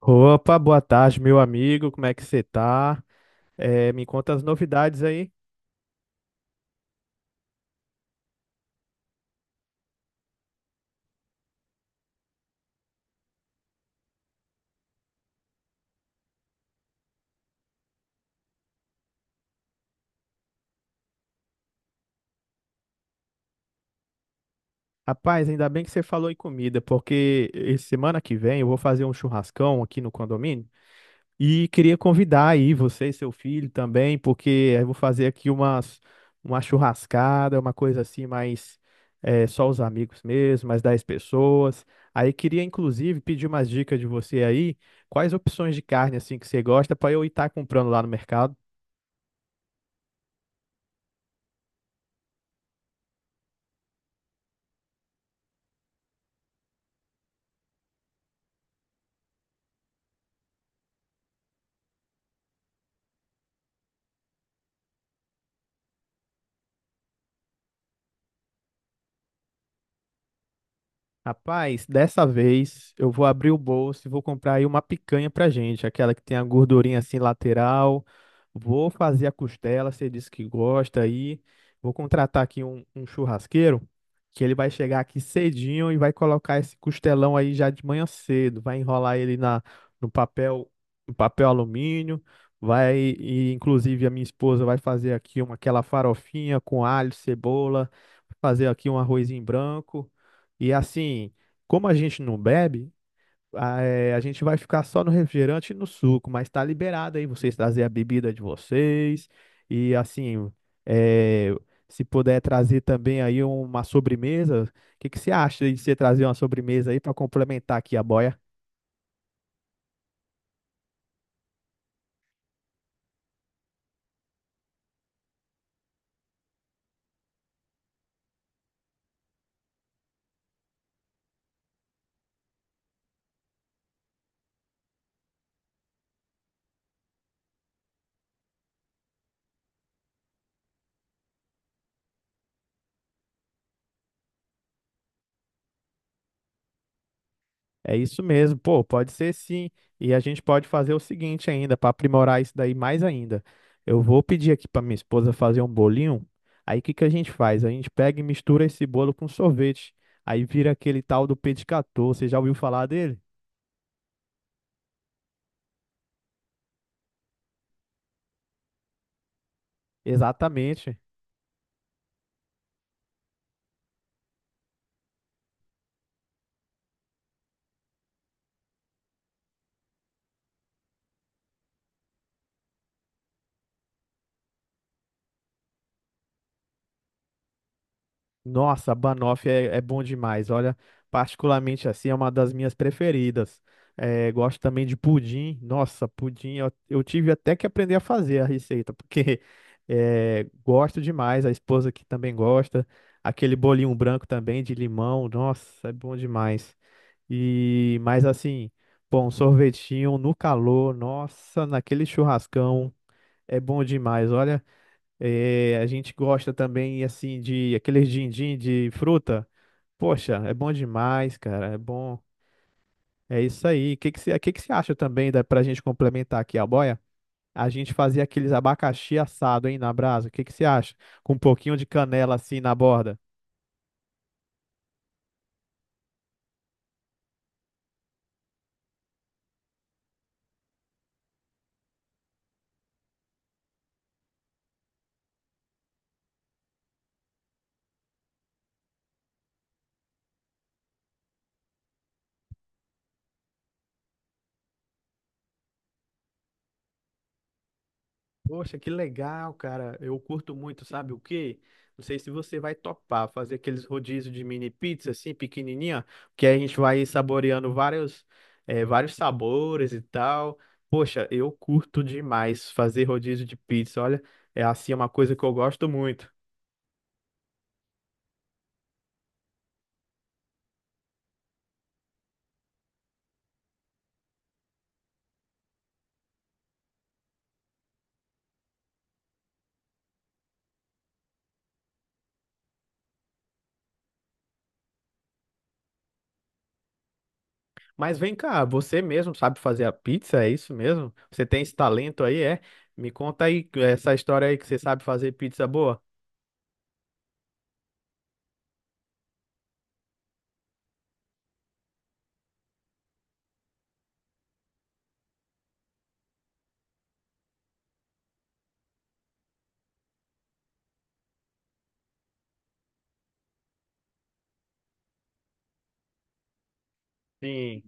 Opa, boa tarde, meu amigo. Como é que você tá? Me conta as novidades aí. Rapaz, ainda bem que você falou em comida, porque esse semana que vem eu vou fazer um churrascão aqui no condomínio e queria convidar aí você e seu filho também, porque eu vou fazer aqui uma churrascada, uma coisa assim, mais só os amigos mesmo, mais 10 pessoas. Aí queria inclusive pedir umas dicas de você aí, quais opções de carne assim que você gosta para eu estar comprando lá no mercado. Rapaz, dessa vez eu vou abrir o bolso e vou comprar aí uma picanha pra gente, aquela que tem a gordurinha assim lateral, vou fazer a costela, você disse que gosta aí. Vou contratar aqui um churrasqueiro, que ele vai chegar aqui cedinho e vai colocar esse costelão aí já de manhã cedo. Vai enrolar ele no papel, no papel alumínio. Vai, e inclusive a minha esposa vai fazer aqui aquela farofinha com alho, cebola, fazer aqui um arrozinho branco. E assim, como a gente não bebe, ah, é, a gente vai ficar só no refrigerante e no suco, mas tá liberado aí vocês trazer a bebida de vocês. E assim, é, se puder trazer também aí uma sobremesa, o que que você acha de você trazer uma sobremesa aí para complementar aqui a boia? É isso mesmo, pô, pode ser sim. E a gente pode fazer o seguinte ainda, para aprimorar isso daí mais ainda. Eu vou pedir aqui para minha esposa fazer um bolinho. Aí o que que a gente faz? A gente pega e mistura esse bolo com sorvete. Aí vira aquele tal do Petit Gâteau. Você já ouviu falar dele? Exatamente. Nossa, banoffee é bom demais. Olha, particularmente assim, é uma das minhas preferidas. É, gosto também de pudim. Nossa, pudim eu tive até que aprender a fazer a receita, porque é, gosto demais. A esposa aqui também gosta. Aquele bolinho branco também de limão. Nossa, é bom demais. E mais assim, bom, sorvetinho no calor. Nossa, naquele churrascão é bom demais. Olha. É, a gente gosta também, assim, de aqueles din-din de fruta. Poxa, é bom demais, cara. É bom. É isso aí. O que que que você acha também da, pra gente complementar aqui a boia? A gente fazer aqueles abacaxi assado, hein, na brasa. O que que você acha? Com um pouquinho de canela assim na borda. Poxa, que legal, cara. Eu curto muito, sabe o quê? Não sei se você vai topar fazer aqueles rodízios de mini pizza assim, pequenininha, que aí a gente vai saboreando vários sabores e tal. Poxa, eu curto demais fazer rodízio de pizza. Olha, é assim é uma coisa que eu gosto muito. Mas vem cá, você mesmo sabe fazer a pizza? É isso mesmo? Você tem esse talento aí, é? Me conta aí essa história aí que você sabe fazer pizza boa. Sim.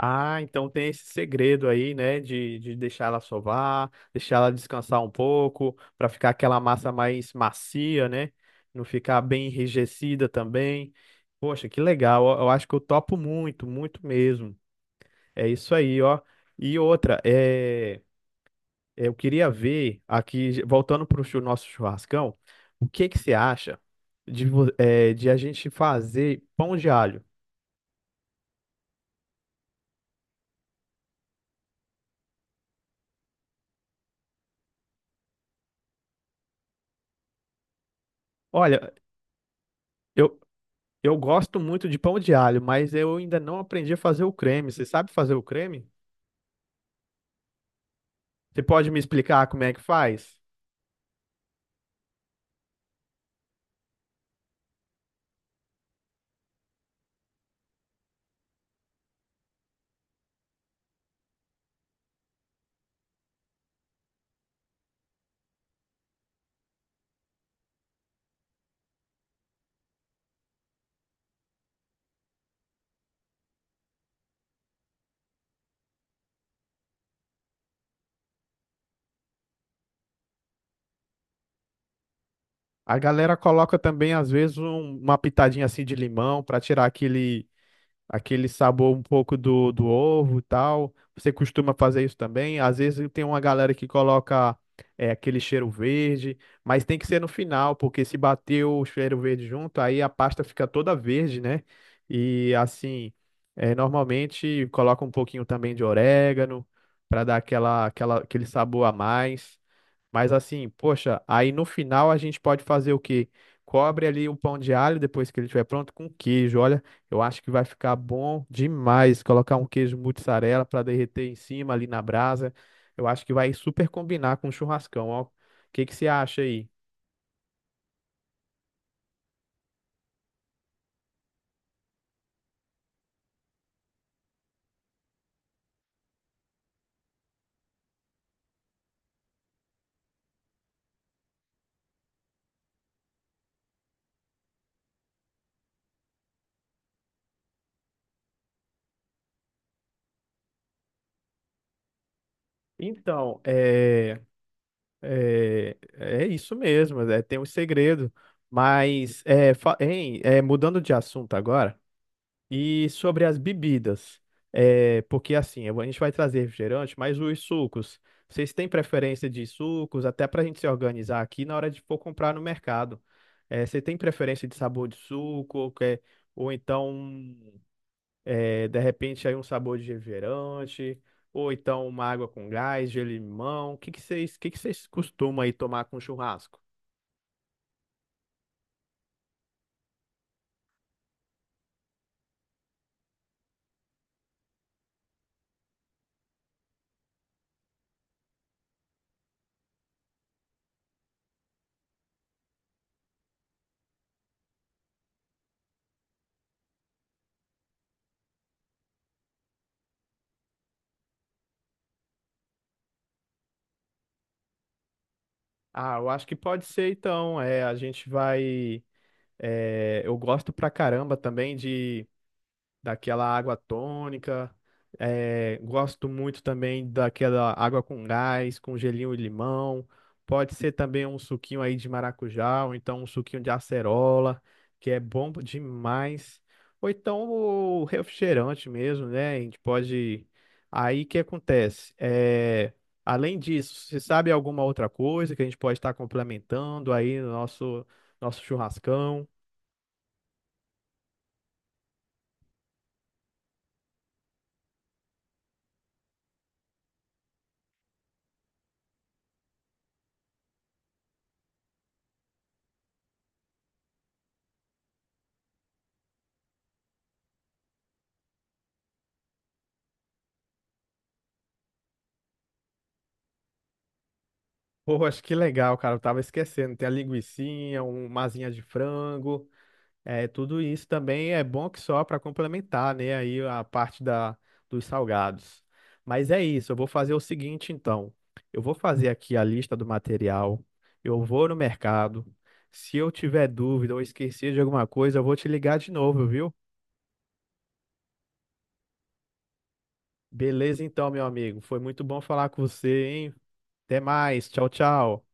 Ah, então tem esse segredo aí, né, de deixar ela sovar, deixar ela descansar um pouco, para ficar aquela massa mais macia, né? Não ficar bem enrijecida também. Poxa, que legal. Eu acho que eu topo muito, muito mesmo. É isso aí, ó. E outra, é, eu queria ver aqui, voltando para o nosso churrascão, o que que você acha de, de a gente fazer pão de alho? Olha. eu Eu gosto muito de pão de alho, mas eu ainda não aprendi a fazer o creme. Você sabe fazer o creme? Você pode me explicar como é que faz? A galera coloca também, às vezes, uma pitadinha assim de limão para tirar aquele sabor um pouco do ovo e tal. Você costuma fazer isso também? Às vezes tem uma galera que coloca é, aquele cheiro verde, mas tem que ser no final, porque se bater o cheiro verde junto, aí a pasta fica toda verde, né? E assim, é, normalmente coloca um pouquinho também de orégano para dar aquele sabor a mais. Mas assim, poxa, aí no final a gente pode fazer o quê? Cobre ali o pão de alho depois que ele estiver pronto com queijo. Olha, eu acho que vai ficar bom demais colocar um queijo mussarela para derreter em cima ali na brasa. Eu acho que vai super combinar com o churrascão, ó. O que que você acha aí? Então, é isso mesmo, é, tem um segredo. Mas, é, mudando de assunto agora. E sobre as bebidas, é, porque assim, a gente vai trazer refrigerante, mas os sucos, vocês têm preferência de sucos, até para a gente se organizar aqui na hora de for comprar no mercado. É, você tem preferência de sabor de suco, ou, quer- ou então, é, de repente, aí um sabor de refrigerante, ou então uma água com gás, de limão. O que que que vocês costumam aí tomar com churrasco? Ah, eu acho que pode ser então. É, a gente vai. É, eu gosto pra caramba também de daquela água tônica. É, gosto muito também daquela água com gás, com gelinho e limão. Pode ser também um suquinho aí de maracujá, ou então um suquinho de acerola, que é bom demais. Ou então o refrigerante mesmo, né? A gente pode. Aí o que acontece? É, além disso, você sabe alguma outra coisa que a gente pode estar complementando aí no nosso churrascão? Pô, acho que legal, cara. Eu tava esquecendo. Tem a linguicinha, uma asinha de frango. É, tudo isso também é bom que só para complementar, né? Aí a parte da, dos salgados. Mas é isso, eu vou fazer o seguinte então. Eu vou fazer aqui a lista do material. Eu vou no mercado. Se eu tiver dúvida ou esquecer de alguma coisa, eu vou te ligar de novo, viu? Beleza então, meu amigo. Foi muito bom falar com você, hein? Até mais. Tchau, tchau.